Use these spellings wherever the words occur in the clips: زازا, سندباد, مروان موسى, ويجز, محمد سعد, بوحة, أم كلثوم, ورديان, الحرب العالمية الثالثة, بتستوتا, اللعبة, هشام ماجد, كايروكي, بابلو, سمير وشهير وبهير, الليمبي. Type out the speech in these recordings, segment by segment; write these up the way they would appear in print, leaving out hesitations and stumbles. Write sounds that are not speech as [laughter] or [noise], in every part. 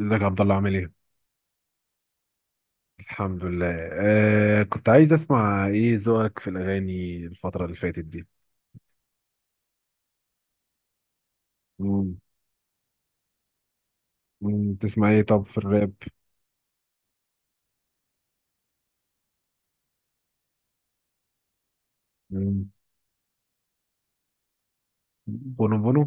ازيك يا عبد الله عامل ايه؟ الحمد لله. كنت عايز اسمع ايه ذوقك في الاغاني الفترة اللي فاتت دي؟ مم. تسمع ايه طب في الراب؟ مم. بونو بونو.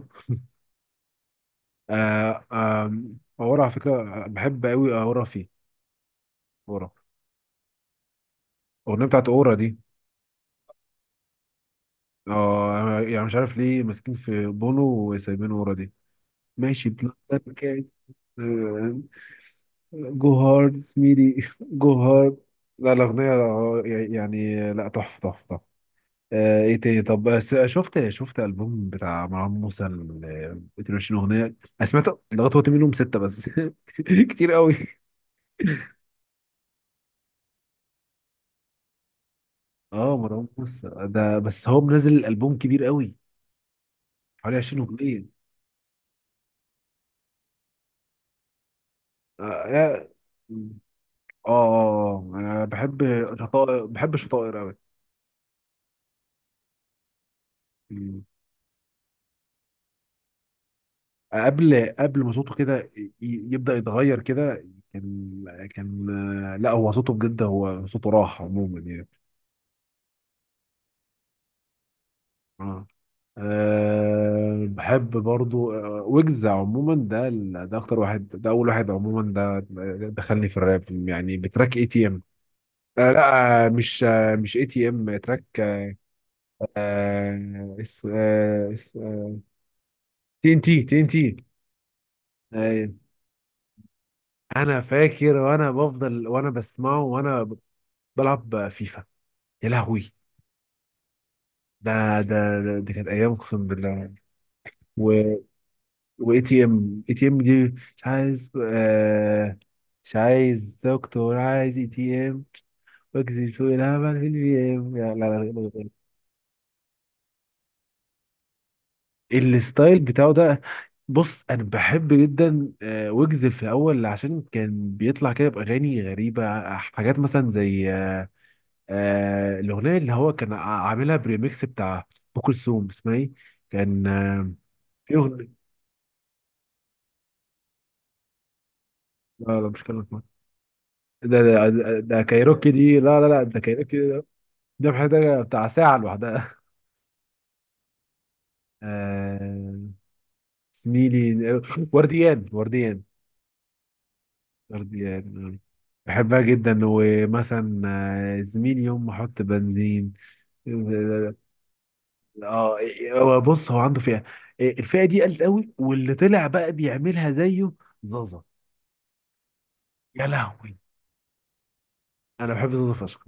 آه آه اورا على فكرة بحب قوي اورا فيه. اورا الاغنية بتاعت اورا دي. اه يعني مش عارف ليه ماسكين في بونو وسايبين اورا دي. ماشي بلان. كات. جو هارد سميري. جو هارد. لا الأغنية يعني لا تحفة تحفة تحفة. ايه تاني طب بس شفت البوم بتاع مروان موسى ال 22 اغنيه. انا سمعت لغايه وقت منهم سته بس. [laughs] كتير قوي. اه مروان موسى ده بس هو منزل الالبوم كبير قوي حوالي 20 اغنيه. اه اه. انا بحب شطائر، بحب شطائر قوي. مم. قبل ما صوته كده يبدا يتغير كده. كان كان لا هو صوته بجد، هو صوته راح عموما يعني. اه. بحب برضو ويجز عموما، ده اكتر واحد، ده اول واحد عموما ده. دخلني في الراب يعني بتراك اي تي ام. آه لا آه، مش آه مش اي تي ام تراك. آه اس آه اس تي ان تي، تي ان تي. انا فاكر وانا بفضل وانا بسمعه وانا بلعب فيفا. يا لهوي. ده دي كانت ايام اقسم بالله. واي تي ام، اي تي ام دي. مش عايز مش عايز دكتور، عايز اي تي ام. واجزي سوق العمل في البي ام، لا لا لا. الستايل بتاعه ده. بص انا بحب جدا ويجز في الاول عشان كان بيطلع كده باغاني غريبه حاجات مثلا زي الاغنيه اللي هو كان عاملها بريميكس بتاع ام كلثوم، اسمها ايه؟ كان آه، في اغنيه. لا لا مش كلمه. ده ده ده كايروكي، دي لا لا لا ده كايروكي. الذبح ده بتاع ساعة لوحدها. آه، زميلي ورديان. ورديان آه. بحبها جدا. ومثلا زميلي يوم ما احط بنزين. اه. آه، هو بص هو عنده فئة. الفئة دي قلت قوي، واللي طلع بقى بيعملها زيه زازا. يا لهوي. انا بحب زازا فشخ.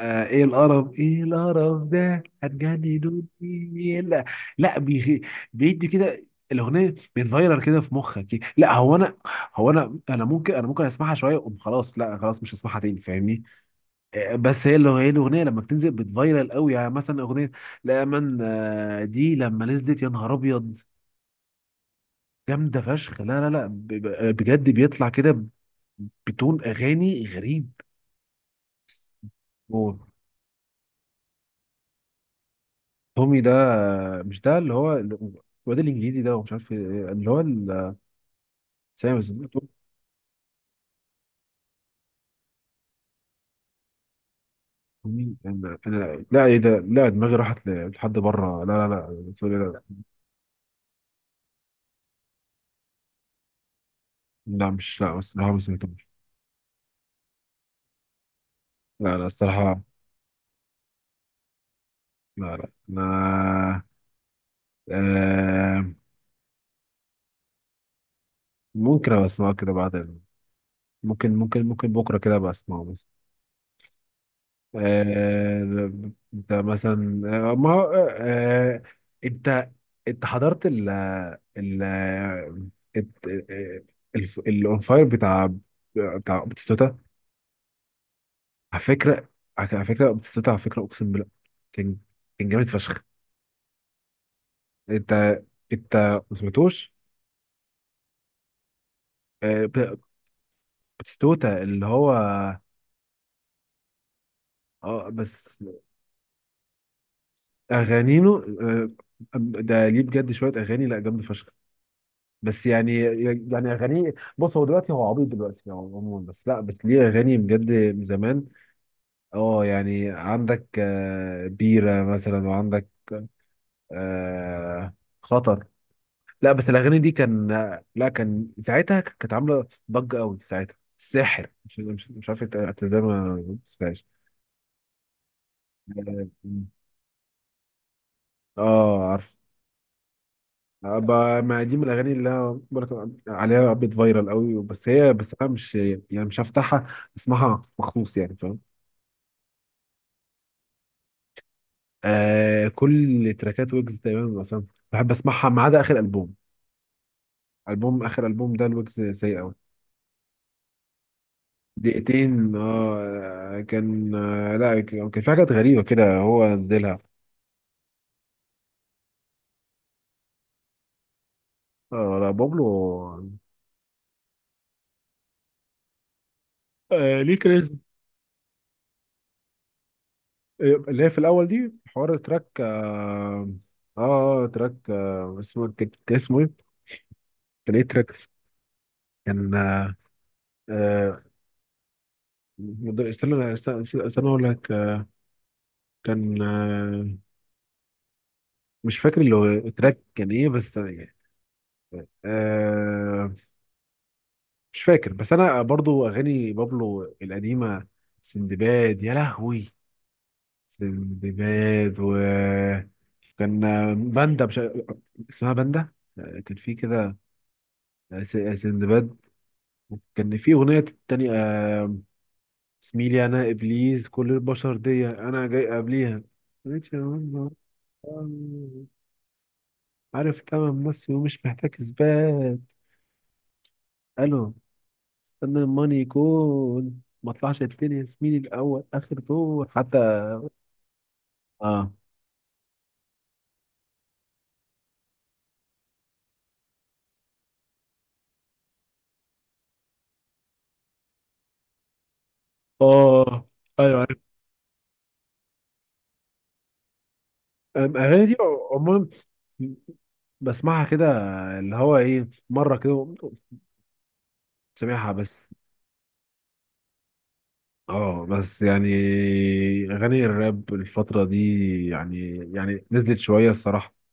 ايه القرف، ايه القرف ده، هتجني دوني لا. لا بيدي كده. الاغنيه بتفيرر كده في مخك كده. لا هو انا، ممكن اسمعها شويه وأقوم خلاص، لا خلاص مش هسمعها تاني فاهمني؟ بس هي اللي هي الاغنيه لما بتنزل بتفيرل قوي، يعني مثلا اغنيه لا من دي لما نزلت، يا نهار ابيض. جامده فشخ لا لا لا بجد بيطلع كده بتون اغاني غريب. تومي ده مش ده اللي هو الواد الانجليزي ده ومش عارف إيه، اللي هو سامس. تومي انا لا ايه ده، لا دماغي راحت لحد بره، لا لا لا سوري، لا لا. لا، مش لا بس لا ما سمعتوش. لا لا الصراحه. لا لا انا. آه ممكن ابقى اسمعه كده بعدين. ممكن بكره كده ابقى اسمعه. آه، انت مثلا ما هو انت انت حضرت ال الت- الانفاير بتاع بتستوتا. على فكره، على فكره بتستوتا، على فكره اقسم بالله. كان كان جامد فشخ. انت انت ما سمعتوش؟ آه، ب- بتستوتا اللي هو اه. بس اغانينه آه، ده ليه بجد شويه اغاني لا جامده فشخ. بس يعني يعني اغانيه بص هو دلوقتي هو عبيط دلوقتي يعني عموما، بس لا بس ليه اغاني بجد من زمان. اه يعني عندك بيرة مثلا، وعندك آه، خطر. لا بس الاغاني دي كان، لا كان ساعتها كانت عامله ضجه قوي، ساعتها الساحر مش عارف انت ازاي ما شفتهاش. اه عارف. ما دي من الاغاني اللي انا برضه عليها بيت فايرال قوي، بس هي بس انا مش يعني مش هفتحها اسمعها مخصوص يعني. آه كل تراكات ويجز تقريبا مثلا بحب اسمعها ما عدا اخر البوم. اخر البوم ده الويجز سيء قوي. دقيقتين. اه كان آه لا كان كان في حاجات غريبه كده هو نزلها. آه لا بابلو. آه ليه كريز. اللي هي في الاول دي حوار تراك اه. تراك اسمه كان اسمه ايه؟ كان ايه تراك اسمه؟ كان آه آه، استنى اقول لك. آه، كان آه، مش فاكر اللي هو التراك كان ايه بس يعني. آه مش فاكر. بس انا برضو اغاني بابلو القديمه، سندباد. يا لهوي سندباد. و كان باندا مش... اسمها باندا. كان في كده سندباد. كان في اغنيه تانية اسمي لي انا ابليس كل البشر دي انا جاي قبليها. عارف تمام نفسي ومش محتاج اثبات. الو، استنى الماني يكون ما طلعش التاني يا زميلي، الاول اخر دور حتى. اه اه ايوه عارف. الاغاني دي عموما بسمعها كده، اللي هو ايه مره كده، سامعها بس. اه بس يعني اغاني الراب الفتره دي يعني يعني نزلت شويه الصراحه.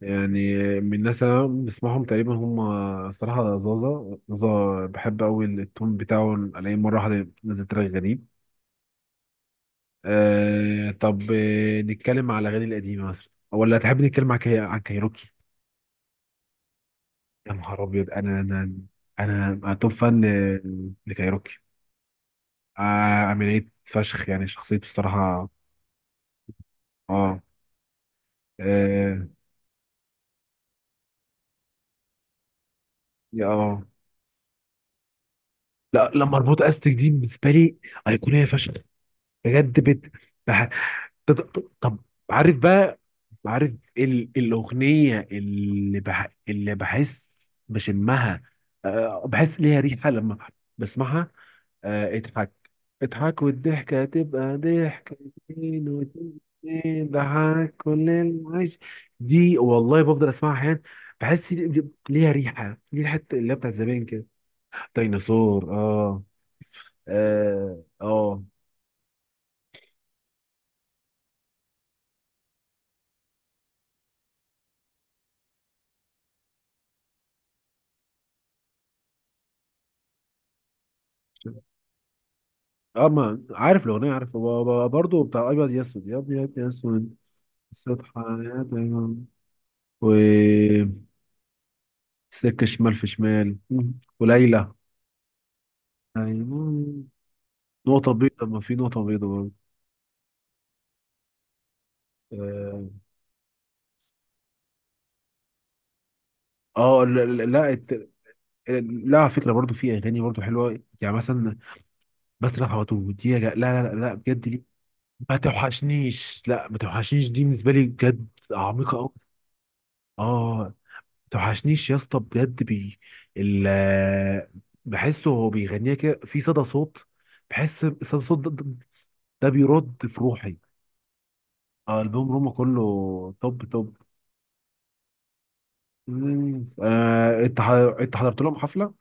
يعني من الناس اللي انا بسمعهم تقريبا هم الصراحه زازا. بحب قوي التون بتاعه، الاقيه مره واحده نزل تراك غريب. آه طب آه نتكلم على الأغاني القديمة مثلا، ولا تحب نتكلم عن عن كايروكي؟ يا نهار أبيض. أنا توب فان لكايروكي. آه. عملية فشخ يعني شخصيته الصراحة. آه. آه يا آه لا لما اربط استك دي بالنسبة لي أيقونية فشخ. بجد بت... بح... ط- ط- طب، عارف بقى، عارف الأغنية اللي اللي بحس بشمها، أه بحس ليها ريحة لما بسمعها. أه اضحك. اضحك والضحكة تبقى ضحكة، اتنين واتنين ضحك كل العيش. دي والله بفضل اسمعها احيانا. بحس ليها ريحة، دي ريحة اللي هي بتاعت زمان كده. ديناصور اه. اه اه اه. ما عارف الاغنيه، عارف هو هو برضه بتاع ابيض يسود، يا ابيض يسود. قصة حياتي. و سكة شمال في شمال، وليلى. أيوة. نقطة بيضة، ما في نقطة بيضة برضه. اه آه، لا لا لا الت- لا على فكرة برضه في أغاني برضه حلوة يعني مثلا بسرح واتوه دي يا لا لا لا لا، بجد دي ما توحشنيش. لا ما توحشنيش دي بالنسبة لي بجد عميقة أوي. اه توحشنيش يا اسطى بجد بي ال بحسه هو بيغنيها كده في صدى صوت. بحس صدى صوت ده بيرد في روحي. البوم روما كله توب توب. مم. آه، انت ح- انت حضرت لهم حفله؟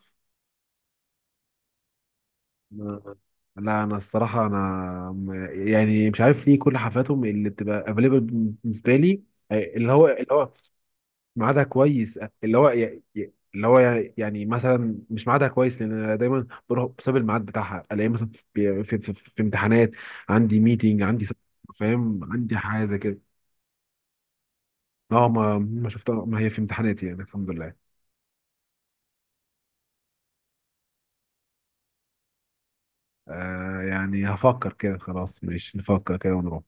آه، لا انا الصراحه انا م- يعني مش عارف ليه كل حفلاتهم اللي بتبقى افيلبل بالنسبه لي آه، اللي هو اللي هو ميعادها كويس. اللي هو ي- ي- اللي هو يعني مثلا مش ميعادها كويس، لان انا دايما بروح بسبب الميعاد بتاعها الاقي مثلا في امتحانات، عندي ميتنج، عندي فاهم عندي حاجه زي كده. اه ما شفتها، ما هي في امتحاناتي يعني الحمد لله. يعني هفكر كده، خلاص ماشي نفكر كده ونروح.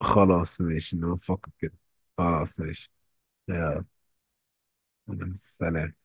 خلاص ماشي نفكر كده. خلاص ماشي. يلا سلام.